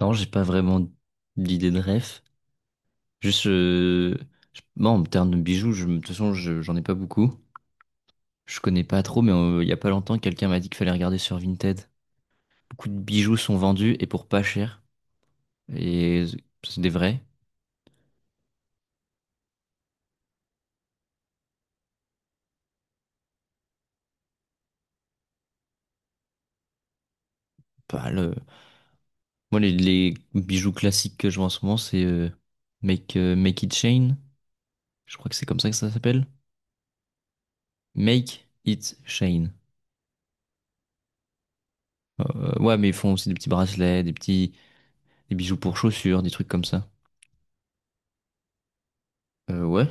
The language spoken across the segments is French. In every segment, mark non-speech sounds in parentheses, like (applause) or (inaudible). Non, j'ai pas vraiment d'idée de ref. Juste, moi, en termes de bijoux, je, de toute façon, j'en ai pas beaucoup. Je connais pas trop, mais il y a pas longtemps, quelqu'un m'a dit qu'il fallait regarder sur Vinted. Beaucoup de bijoux sont vendus et pour pas cher. Et c'est des vrais. Pas le... Moi, les bijoux classiques que je vois en ce moment, c'est Make It Chain. Je crois que c'est comme ça que ça s'appelle. Make It Chain. Ouais, mais ils font aussi des petits bracelets, des bijoux pour chaussures, des trucs comme ça. Ouais.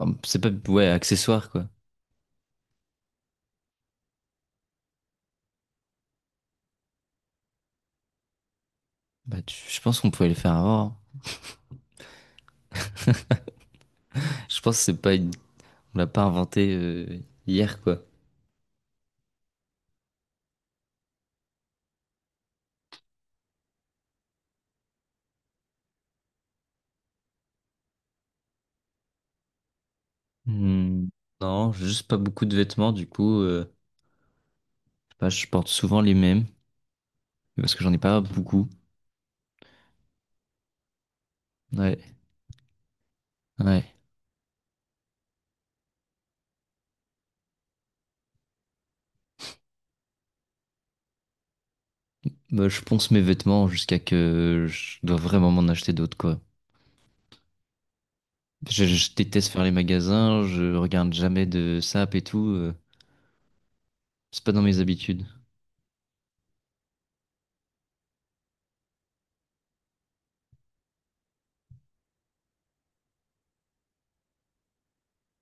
Hum. C'est pas, ouais, accessoire, quoi. Bah, je pense qu'on pouvait le faire avant, hein. Je pense que c'est pas une, on l'a pas inventé hier, quoi. Hmm. Non, j'ai juste pas beaucoup de vêtements, du coup, je sais pas, je porte souvent les mêmes, parce que j'en ai pas beaucoup. Ouais, ouais. Bah, je ponce mes vêtements jusqu'à que je dois vraiment m'en acheter d'autres, quoi. Je déteste faire les magasins, je regarde jamais de sap et tout, c'est pas dans mes habitudes.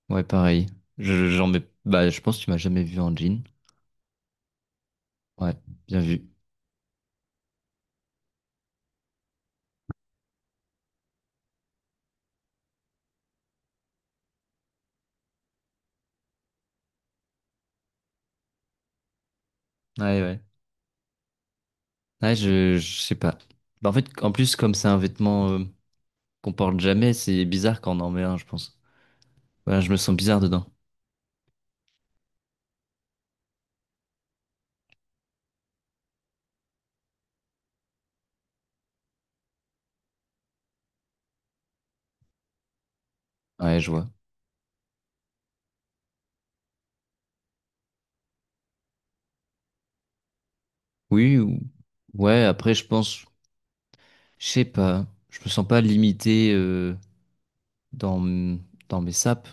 Ouais, pareil. J'en mets, bah, je pense que tu m'as jamais vu en jean. Ouais, bien vu. Ouais, ouais. Ouais, je sais pas. Bah, en fait, en plus, comme c'est un vêtement qu'on porte jamais, c'est bizarre quand on en met un, je pense. Voilà, je me sens bizarre dedans. Ouais, je vois. Oui, ou- ouais, après, je pense, je sais pas. Je me sens pas limité dans, m- dans mes sapes.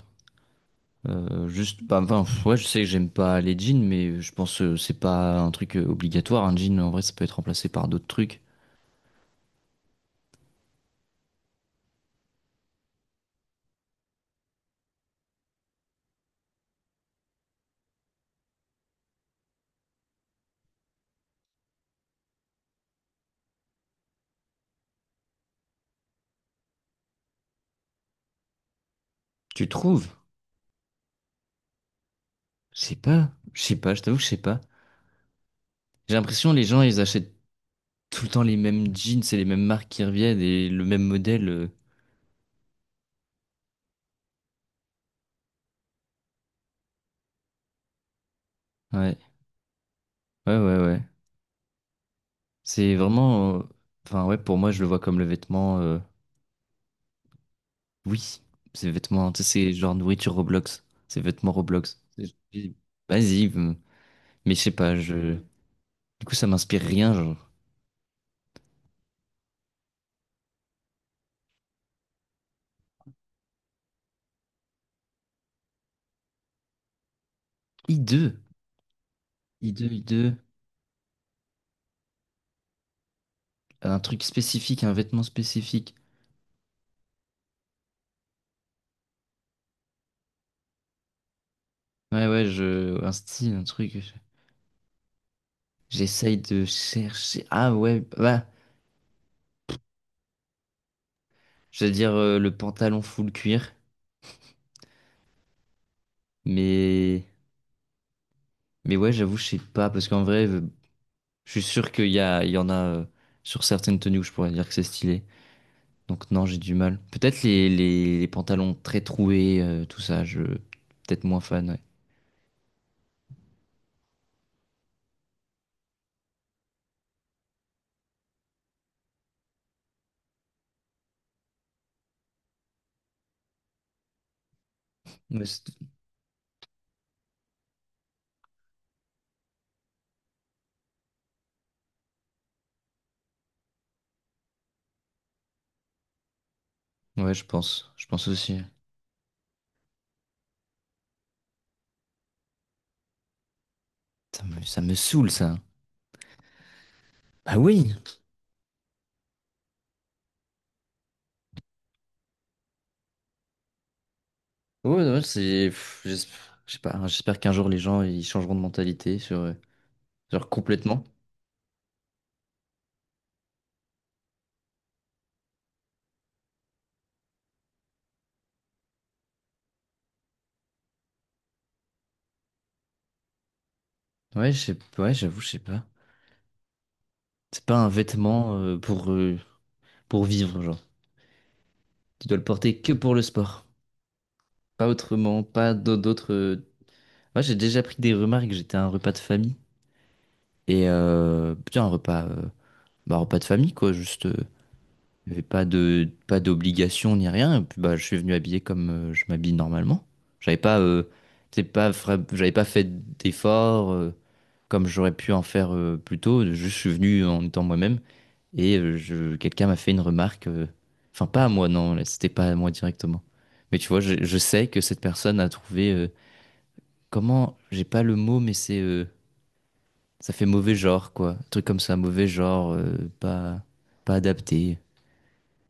Juste, bah, enfin, pff, ouais, je sais que j'aime pas les jeans, mais je pense que c'est pas un truc obligatoire. Un jean, en vrai, ça peut être remplacé par d'autres trucs. Tu trouves? Je sais pas. Je sais pas, je t'avoue que je sais pas. J'ai l'impression les gens, ils achètent tout le temps les mêmes jeans et les mêmes marques qui reviennent et le même modèle. Ouais, ouais, ouais, ouais. C'est vraiment. Enfin, ouais, pour moi, je le vois comme le vêtement. Oui, c'est vêtement. Tu sais, c'est genre nourriture Roblox. C'est vêtement Roblox. Et je dis, Vas-y, m- mais je sais pas, je. Du coup, ça m'inspire rien, genre. I2, I2, I2. Un truc spécifique, un vêtement spécifique. Ouais, ouais, je. Un style, un truc. J'essaye de chercher. Ah, ouais, bah. Je veux dire, le pantalon full cuir. Mais, mais ouais, j'avoue, je sais pas, parce qu'en vrai, je suis sûr il y en a sur certaines tenues où je pourrais dire que c'est stylé. Donc non, j'ai du mal. Peut-être les pantalons très troués, tout ça, je peut-être moins fan, ouais. Mais c'est- ouais, je pense aussi. Ça me saoule, ça. Ah oui! Ouais, ouais, je sais pas, hein, j'espère qu'un jour les gens ils changeront de mentalité sur, genre complètement. Ouais, je sais, ouais, j'avoue, je sais pas. C'est pas un vêtement pour vivre, genre. Tu dois le porter que pour le sport. Pas autrement, pas d'au- d'autres. Moi, j'ai déjà pris des remarques. J'étais à un repas de famille. Et putain, bah, un repas de famille, quoi. Juste, il n'y avait pas de, pas d'obligation ni rien. Et puis, bah, je suis venu habillé comme je m'habille normalement. J'avais pas, t'sais, pas, fra- j'avais pas fait d'efforts, comme j'aurais pu en faire plus tôt. Je suis venu en étant moi-même et quelqu'un m'a fait une remarque. Enfin, pas à moi, non, là, c'était pas à moi directement. Mais tu vois, je sais que cette personne a trouvé, comment? J'ai pas le mot, mais c'est, ça fait mauvais genre, quoi. Un truc comme ça, mauvais genre, pas, pas adapté.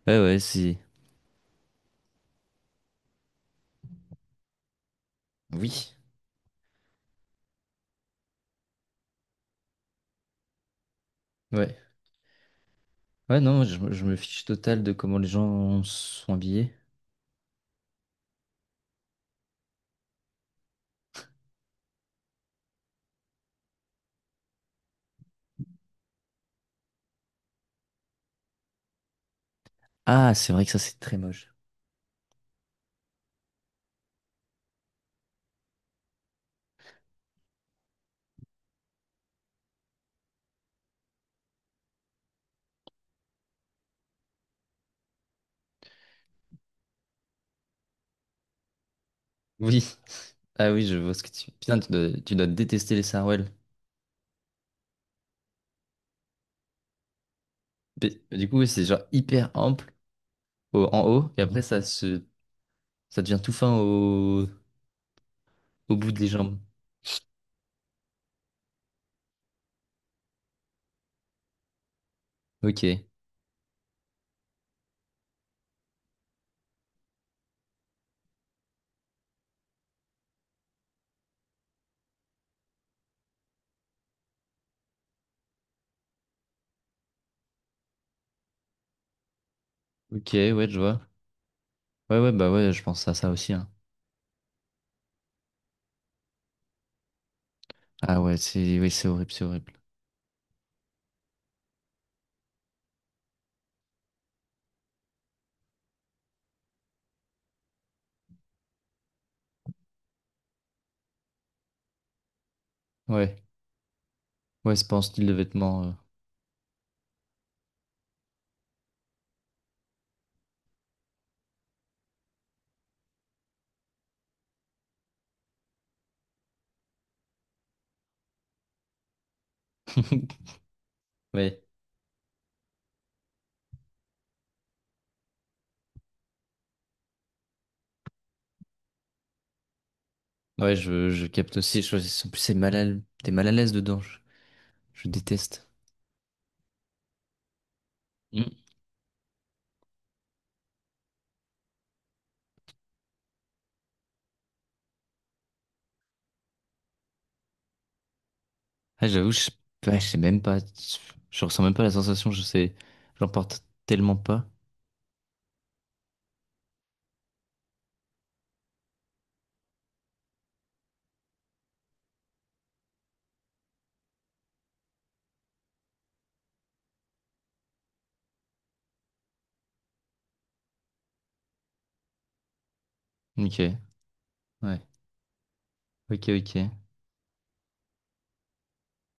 Ouais, ouais, c'est. Oui. Ouais. Ouais, non, je me fiche total de comment les gens sont habillés. Ah, c'est vrai que ça, c'est très moche. Oui. Ah oui, je vois ce que tu... Putain, tu dois détester les sarouels. Mais- Du coup, oui, c'est genre hyper ample en haut, et après, ça devient tout fin au bout des jambes. Ok. Ok, ouais, je vois. Ouais, ouais, bah ouais, je pense à ça aussi, hein. Ah ouais, c'est oui, c'est horrible, c'est horrible. Ouais. Ouais, c'est pas un style de vêtement. (laughs) Ouais. Ouais, je capte aussi. En plus, t'es mal à l'aise dedans. Je déteste. Ah, j'avoue, ouais, je sais même pas. Je ressens même pas la sensation, je sais. J'en porte tellement pas. Ok, ouais. Ok, ok.